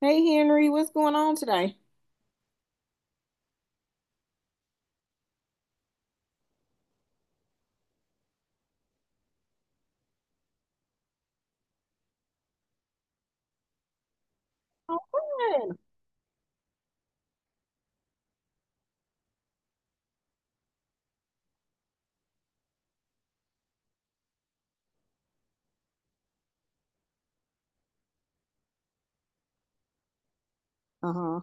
Hey Henry, what's going on today? Oh, good. Uh-huh.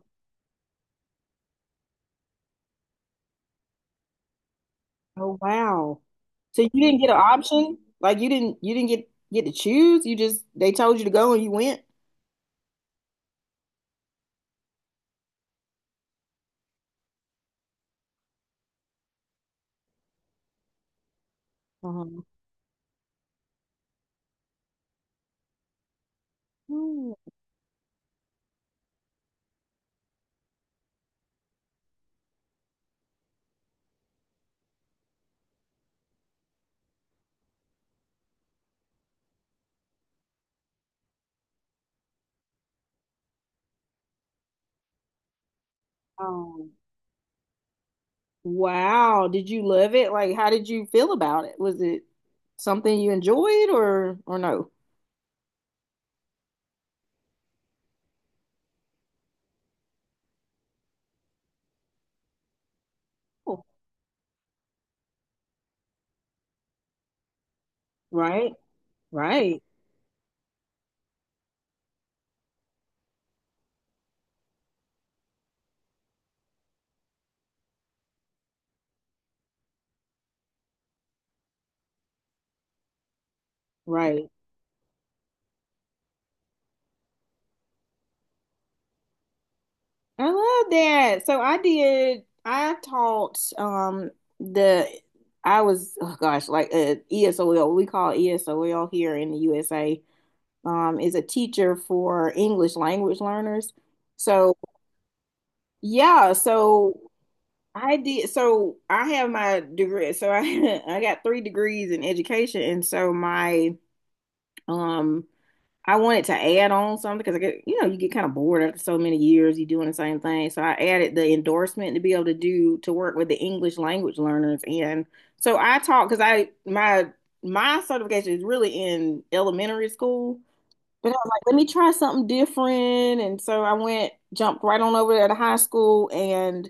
Oh wow. So you didn't get an option? Like you didn't get to choose? You just they told you to go and you went? Uh-huh. Hmm. Oh, wow. Did you love it? Like how did you feel about it? Was it something you enjoyed or no? Oh, right? Right. Right. I love that. So I did, I taught the I was oh gosh, like ESOL, we call ESOL here in the USA, is a teacher for English language learners. So yeah, so I did so I have my degree. So I I got three degrees in education and so my um I wanted to add on something because I get, you know, you get kind of bored after so many years, you doing the same thing. So I added the endorsement to be able to do to work with the English language learners. And so I taught because I my my certification is really in elementary school, but I was like, let me try something different. And so I went, jumped right on over there to high school, and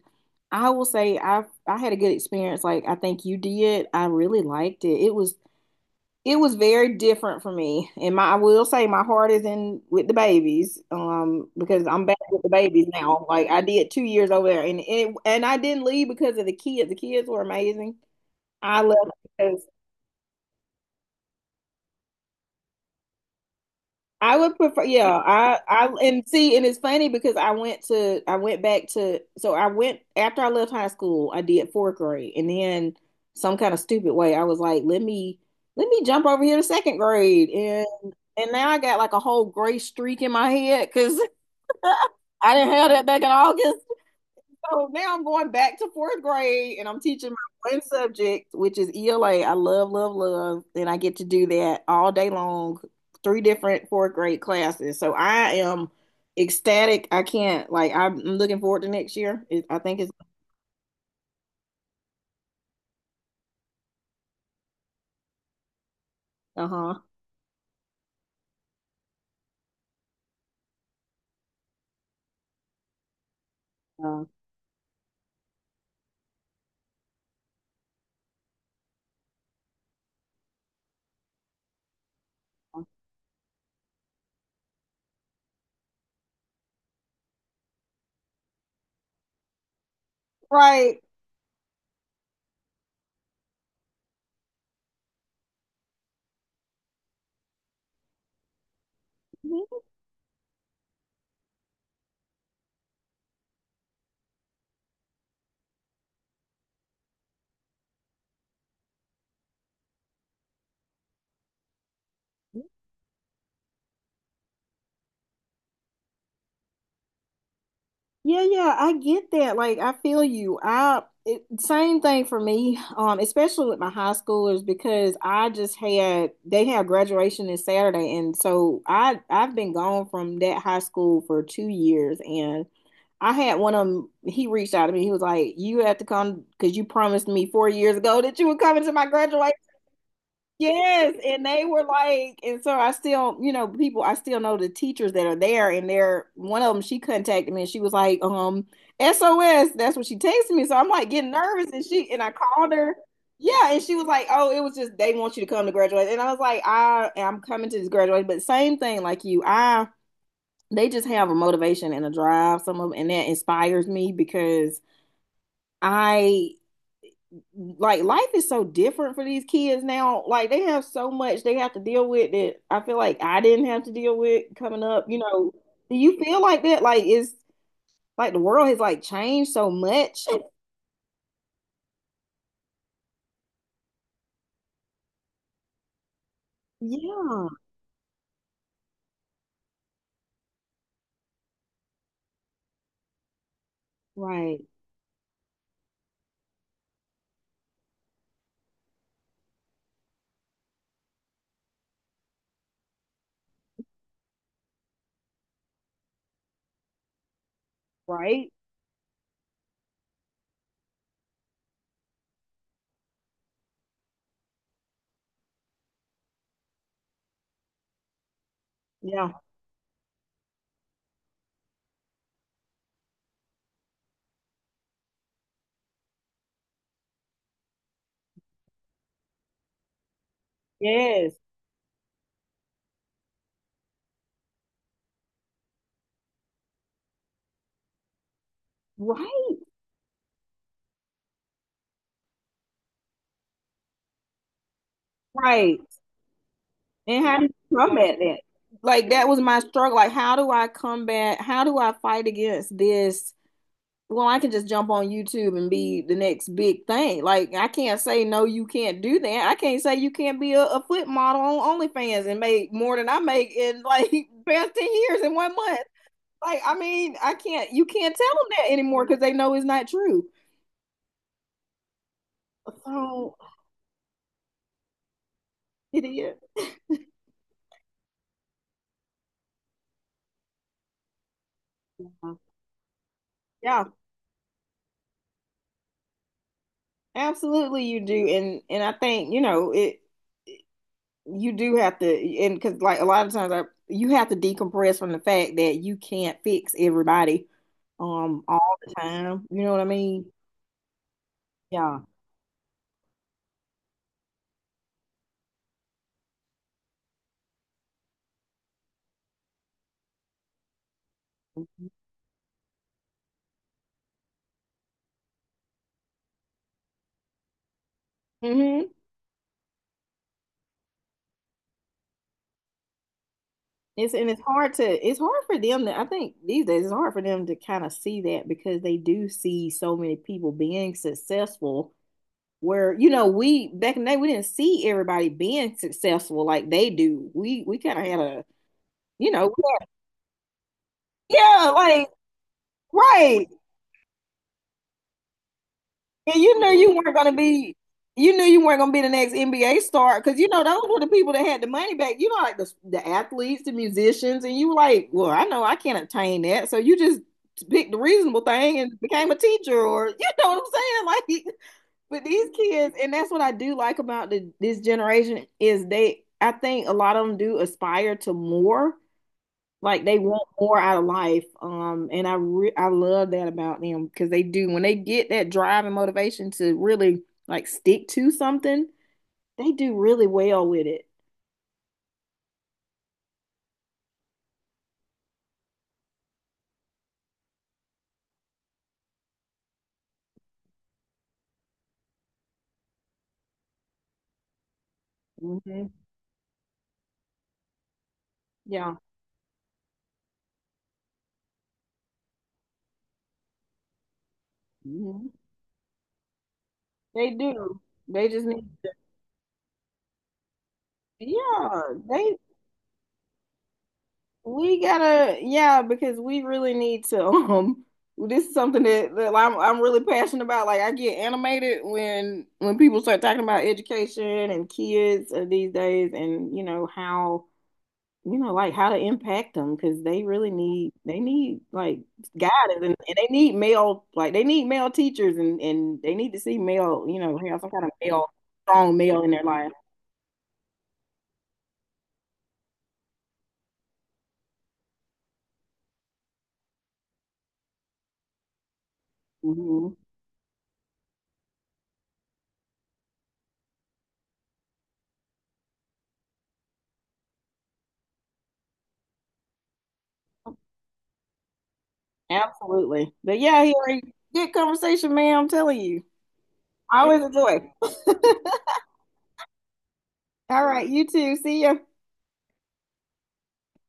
I will say I had a good experience. Like I think you did. I really liked it. It was very different for me. And my I will say my heart is in with the babies, because I'm back with the babies now. Like I did 2 years over there and, it, and I didn't leave because of the kids. The kids were amazing. I left because I would prefer, yeah. And see, and it's funny because I went to, I went back to, so I went after I left high school, I did fourth grade, and then some kind of stupid way, I was like, let me jump over here to second grade, and now I got like a whole gray streak in my head because I didn't have that back in August. So now I'm going back to fourth grade and I'm teaching my one subject, which is ELA. I love, love, love. And I get to do that all day long, three different fourth grade classes. So I am ecstatic. I can't, like, I'm looking forward to next year. It, I think it's, uh-huh. Uh, right. Yeah, yeah, I get that. Like, I feel you. I it, same thing for me, especially with my high schoolers because I just had they had graduation this Saturday, and so I've been gone from that high school for 2 years, and I had one of them. He reached out to me. He was like, "You have to come because you promised me 4 years ago that you would come into my graduation." Yes, and they were like, and so I still, you know, people, I still know the teachers that are there, and they're one of them. She contacted me, and she was like, SOS. That's what she texted me. So I'm like getting nervous, and she and I called her. Yeah, and she was like, oh, it was just they want you to come to graduate, and I was like, I am coming to this graduate, but same thing like you, I they just have a motivation and a drive, some of, them, and that inspires me because. I like life is so different for these kids now. Like they have so much they have to deal with that I feel like I didn't have to deal with coming up. You know, do you feel like that? Like it's like the world has like changed so much. Yeah. Right. Right. Yeah. Yes. Right. Right. And how do you combat that? Like that was my struggle. Like how do I combat? How do I fight against this? Well, I can just jump on YouTube and be the next big thing. Like I can't say no, you can't do that. I can't say you can't be a foot model on OnlyFans and make more than I make in like past 10 years in one month. Like I mean, I can't. You can't tell them that anymore because they know it's not true. So it is. Yeah, absolutely, you do. And I think you know it. You do have to, and because like a lot of times, I, you have to decompress from the fact that you can't fix everybody all the time. You know what I mean? Yeah. mm hmm It's and it's hard to it's hard for them to I think these days it's hard for them to kind of see that because they do see so many people being successful where you know we back in the day we didn't see everybody being successful like they do. We kind of had a you know we had- yeah like right. And you knew you weren't gonna be, you knew you weren't gonna be the next NBA star because you know those were the people that had the money back. You know, like the athletes, the musicians, and you were like, well, I know I can't obtain that, so you just picked the reasonable thing and became a teacher, or you know what I'm saying? Like, but these kids, and that's what I do like about this generation is they. I think a lot of them do aspire to more like they want more out of life. And I love that about them because they do when they get that drive and motivation to really like stick to something, they do really well with it. Hmm. Yeah. Hmm. They do. They just need, yeah, they we gotta, yeah, because we really need to. This is something that I'm really passionate about. Like I get animated when people start talking about education and kids these days, and you know how you know like how to impact them because they really need they need like guidance and they need male like they need male teachers and they need to see male you know have some kind of male strong male in their life. Hmm. Absolutely, but yeah, here good conversation, man. I'm telling you. Always a joy. All right, you too. See ya.